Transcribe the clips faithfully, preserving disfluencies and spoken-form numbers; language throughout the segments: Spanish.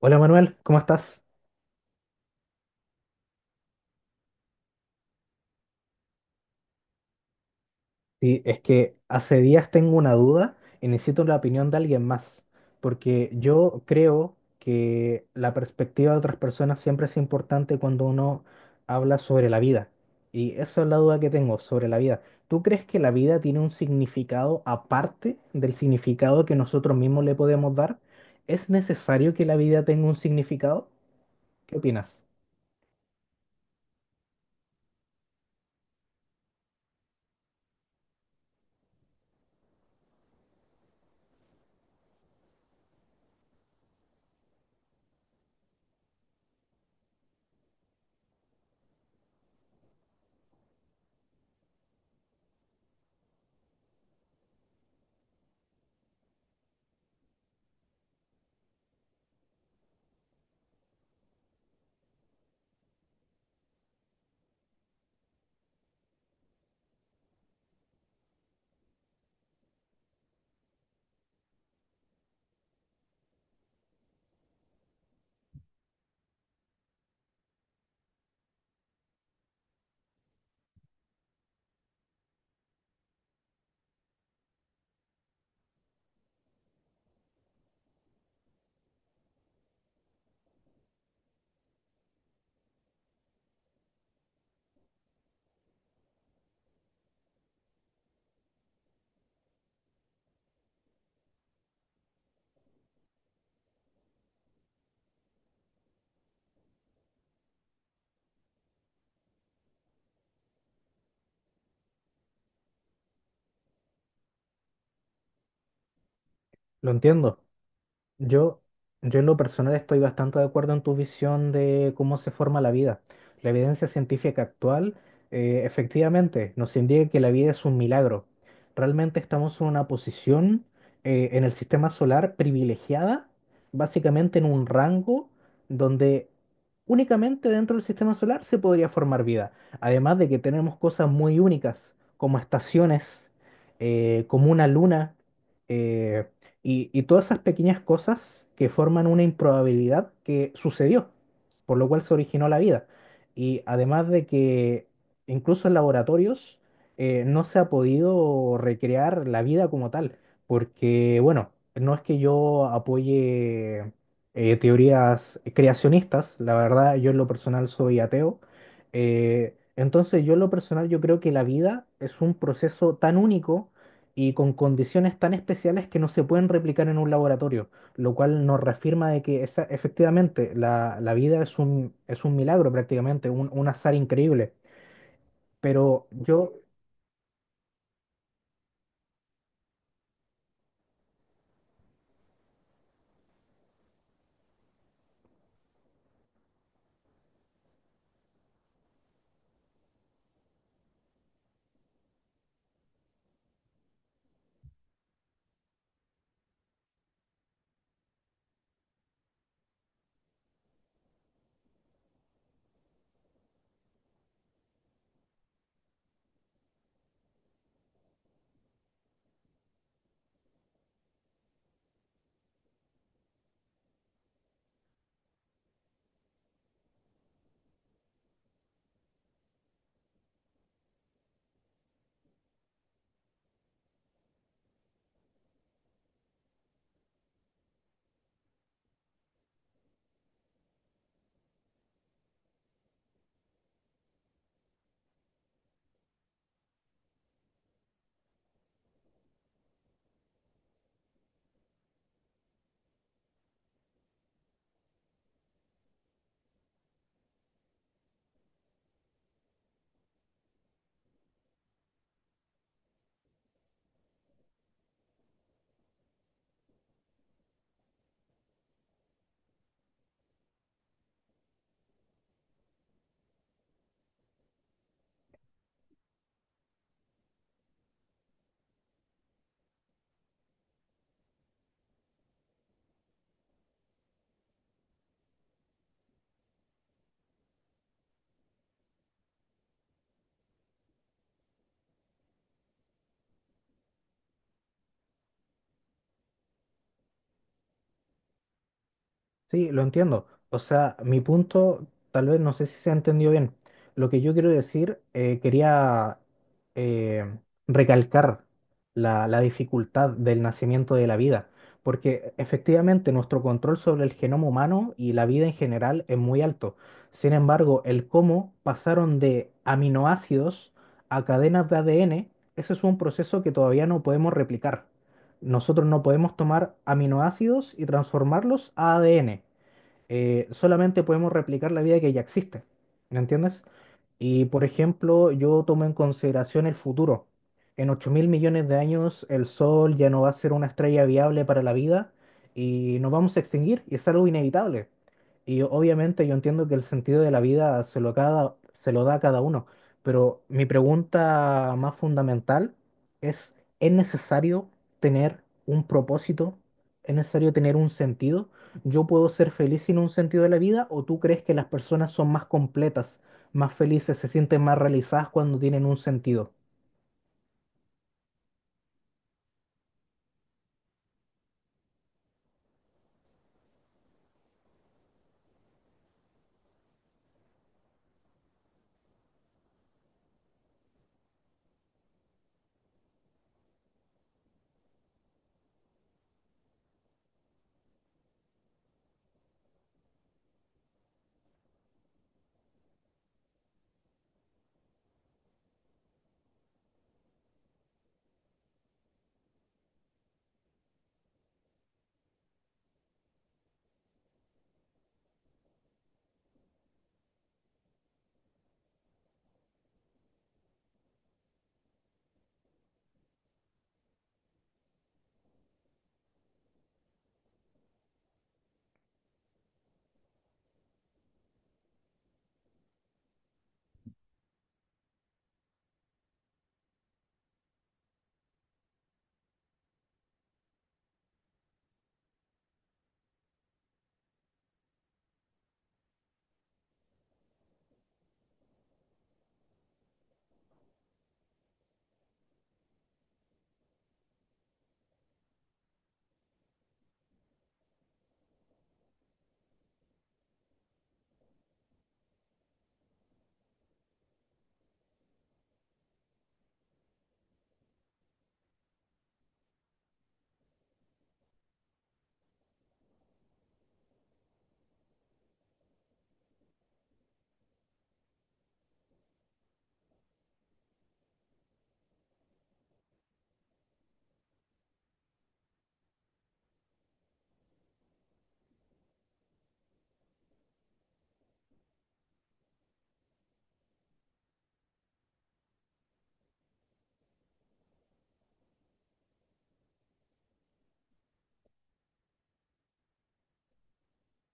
Hola Manuel, ¿cómo estás? Sí, es que hace días tengo una duda y necesito la opinión de alguien más, porque yo creo que la perspectiva de otras personas siempre es importante cuando uno habla sobre la vida. Y esa es la duda que tengo sobre la vida. ¿Tú crees que la vida tiene un significado aparte del significado que nosotros mismos le podemos dar? ¿Es necesario que la vida tenga un significado? ¿Qué opinas? Lo entiendo. Yo, yo en lo personal estoy bastante de acuerdo en tu visión de cómo se forma la vida. La evidencia científica actual, eh, efectivamente, nos indica que la vida es un milagro. Realmente estamos en una posición eh, en el sistema solar privilegiada, básicamente en un rango donde únicamente dentro del sistema solar se podría formar vida. Además de que tenemos cosas muy únicas, como estaciones, eh, como una luna. eh, y, y todas esas pequeñas cosas que forman una improbabilidad que sucedió, por lo cual se originó la vida. Y además de que incluso en laboratorios eh, no se ha podido recrear la vida como tal, porque bueno, no es que yo apoye eh, teorías creacionistas, la verdad yo en lo personal soy ateo. eh, entonces yo en lo personal yo creo que la vida es un proceso tan único y con condiciones tan especiales que no se pueden replicar en un laboratorio, lo cual nos reafirma de que esa- efectivamente la, la vida es un, es un milagro prácticamente, un, un azar increíble. Pero yo. Sí, lo entiendo. O sea, mi punto, tal vez no sé si se ha entendido bien. Lo que yo quiero decir, eh, quería eh, recalcar la, la dificultad del nacimiento de la vida, porque efectivamente nuestro control sobre el genoma humano y la vida en general es muy alto. Sin embargo, el cómo pasaron de aminoácidos a cadenas de A D N, ese es un proceso que todavía no podemos replicar. Nosotros no podemos tomar aminoácidos y transformarlos a ADN, eh, solamente podemos replicar la vida que ya existe. ¿Me entiendes? Y por ejemplo, yo tomo en consideración el futuro. En ocho mil millones de años, el Sol ya no va a ser una estrella viable para la vida y nos vamos a extinguir y es algo inevitable. Y obviamente yo entiendo que el sentido de la vida se lo, cada, se lo da a cada uno, pero mi pregunta más fundamental es, ¿es necesario tener un propósito? ¿Es necesario tener un sentido? ¿Yo puedo ser feliz sin un sentido de la vida o tú crees que las personas son más completas, más felices, se sienten más realizadas cuando tienen un sentido?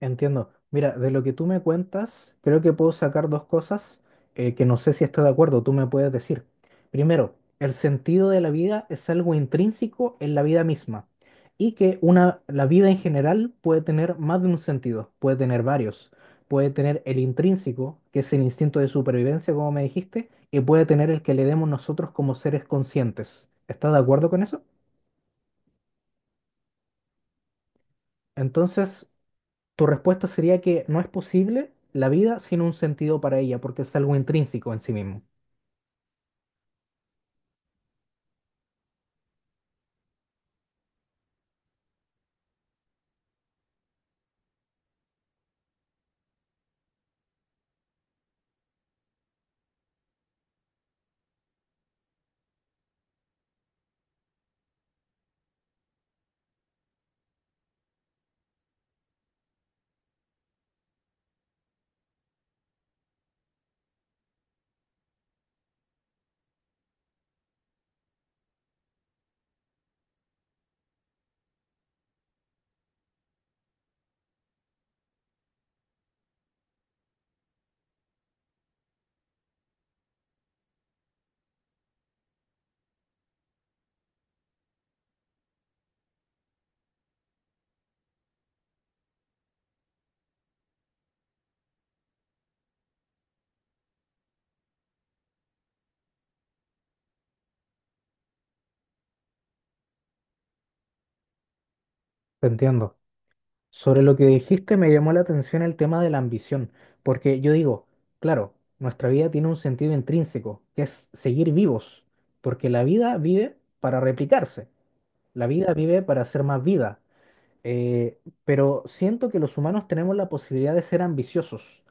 Entiendo. Mira, de lo que tú me cuentas, creo que puedo sacar dos cosas eh, que no sé si estoy de acuerdo. Tú me puedes decir. Primero, el sentido de la vida es algo intrínseco en la vida misma y que una, la vida en general puede tener más de un sentido, puede tener varios. Puede tener el intrínseco, que es el instinto de supervivencia, como me dijiste, y puede tener el que le demos nosotros como seres conscientes. ¿Estás de acuerdo con eso? Entonces, tu respuesta sería que no es posible la vida sin un sentido para ella, porque es algo intrínseco en sí mismo. Te entiendo. Sobre lo que dijiste, me llamó la atención el tema de la ambición, porque yo digo, claro, nuestra vida tiene un sentido intrínseco, que es seguir vivos, porque la vida vive para replicarse, la vida vive para hacer más vida. Eh, pero siento que los humanos tenemos la posibilidad de ser ambiciosos.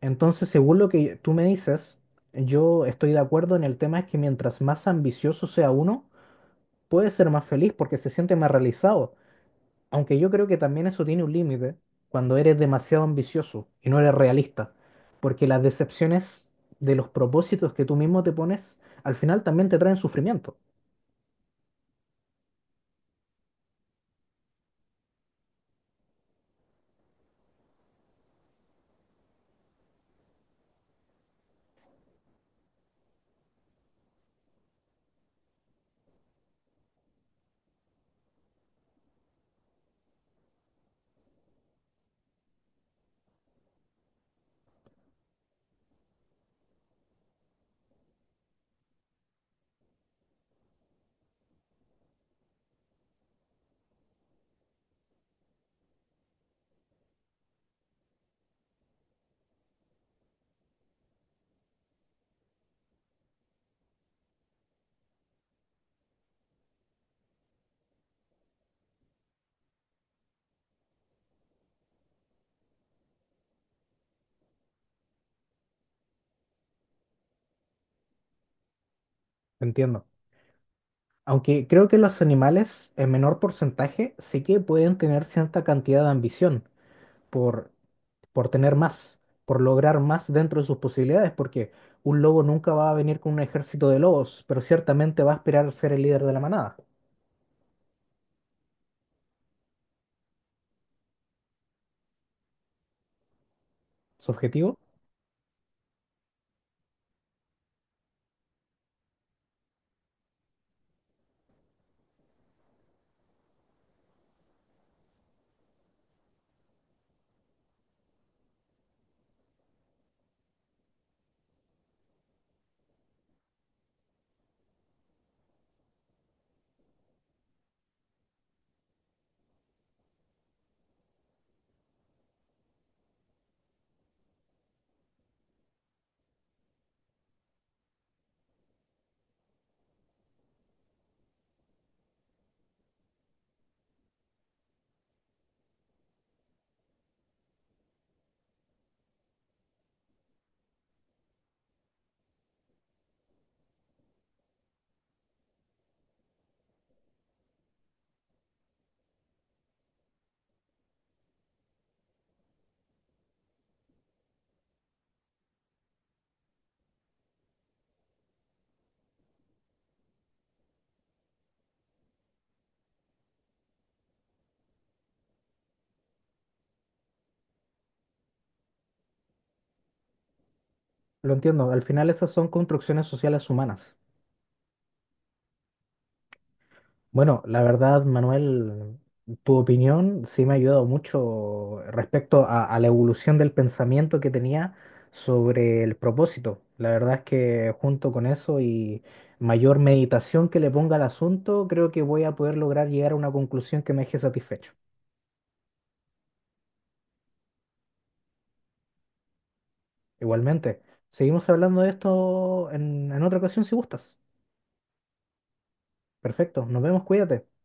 Entonces, según lo que tú me dices, yo estoy de acuerdo en el tema es que mientras más ambicioso sea uno, puede ser más feliz porque se siente más realizado. Aunque yo creo que también eso tiene un límite cuando eres demasiado ambicioso y no eres realista. Porque las decepciones de los propósitos que tú mismo te pones, al final también te traen sufrimiento. Entiendo. Aunque creo que los animales en menor porcentaje sí que pueden tener cierta cantidad de ambición por por tener más, por lograr más dentro de sus posibilidades, porque un lobo nunca va a venir con un ejército de lobos, pero ciertamente va a aspirar a ser el líder de la manada. Su objetivo, lo entiendo, al final esas son construcciones sociales humanas. Bueno, la verdad, Manuel, tu opinión sí me ha ayudado mucho respecto a, a la evolución del pensamiento que tenía sobre el propósito. La verdad es que junto con eso y mayor meditación que le ponga al asunto, creo que voy a poder lograr llegar a una conclusión que me deje satisfecho. Igualmente, seguimos hablando de esto en, en otra ocasión si gustas. Perfecto, nos vemos, cuídate.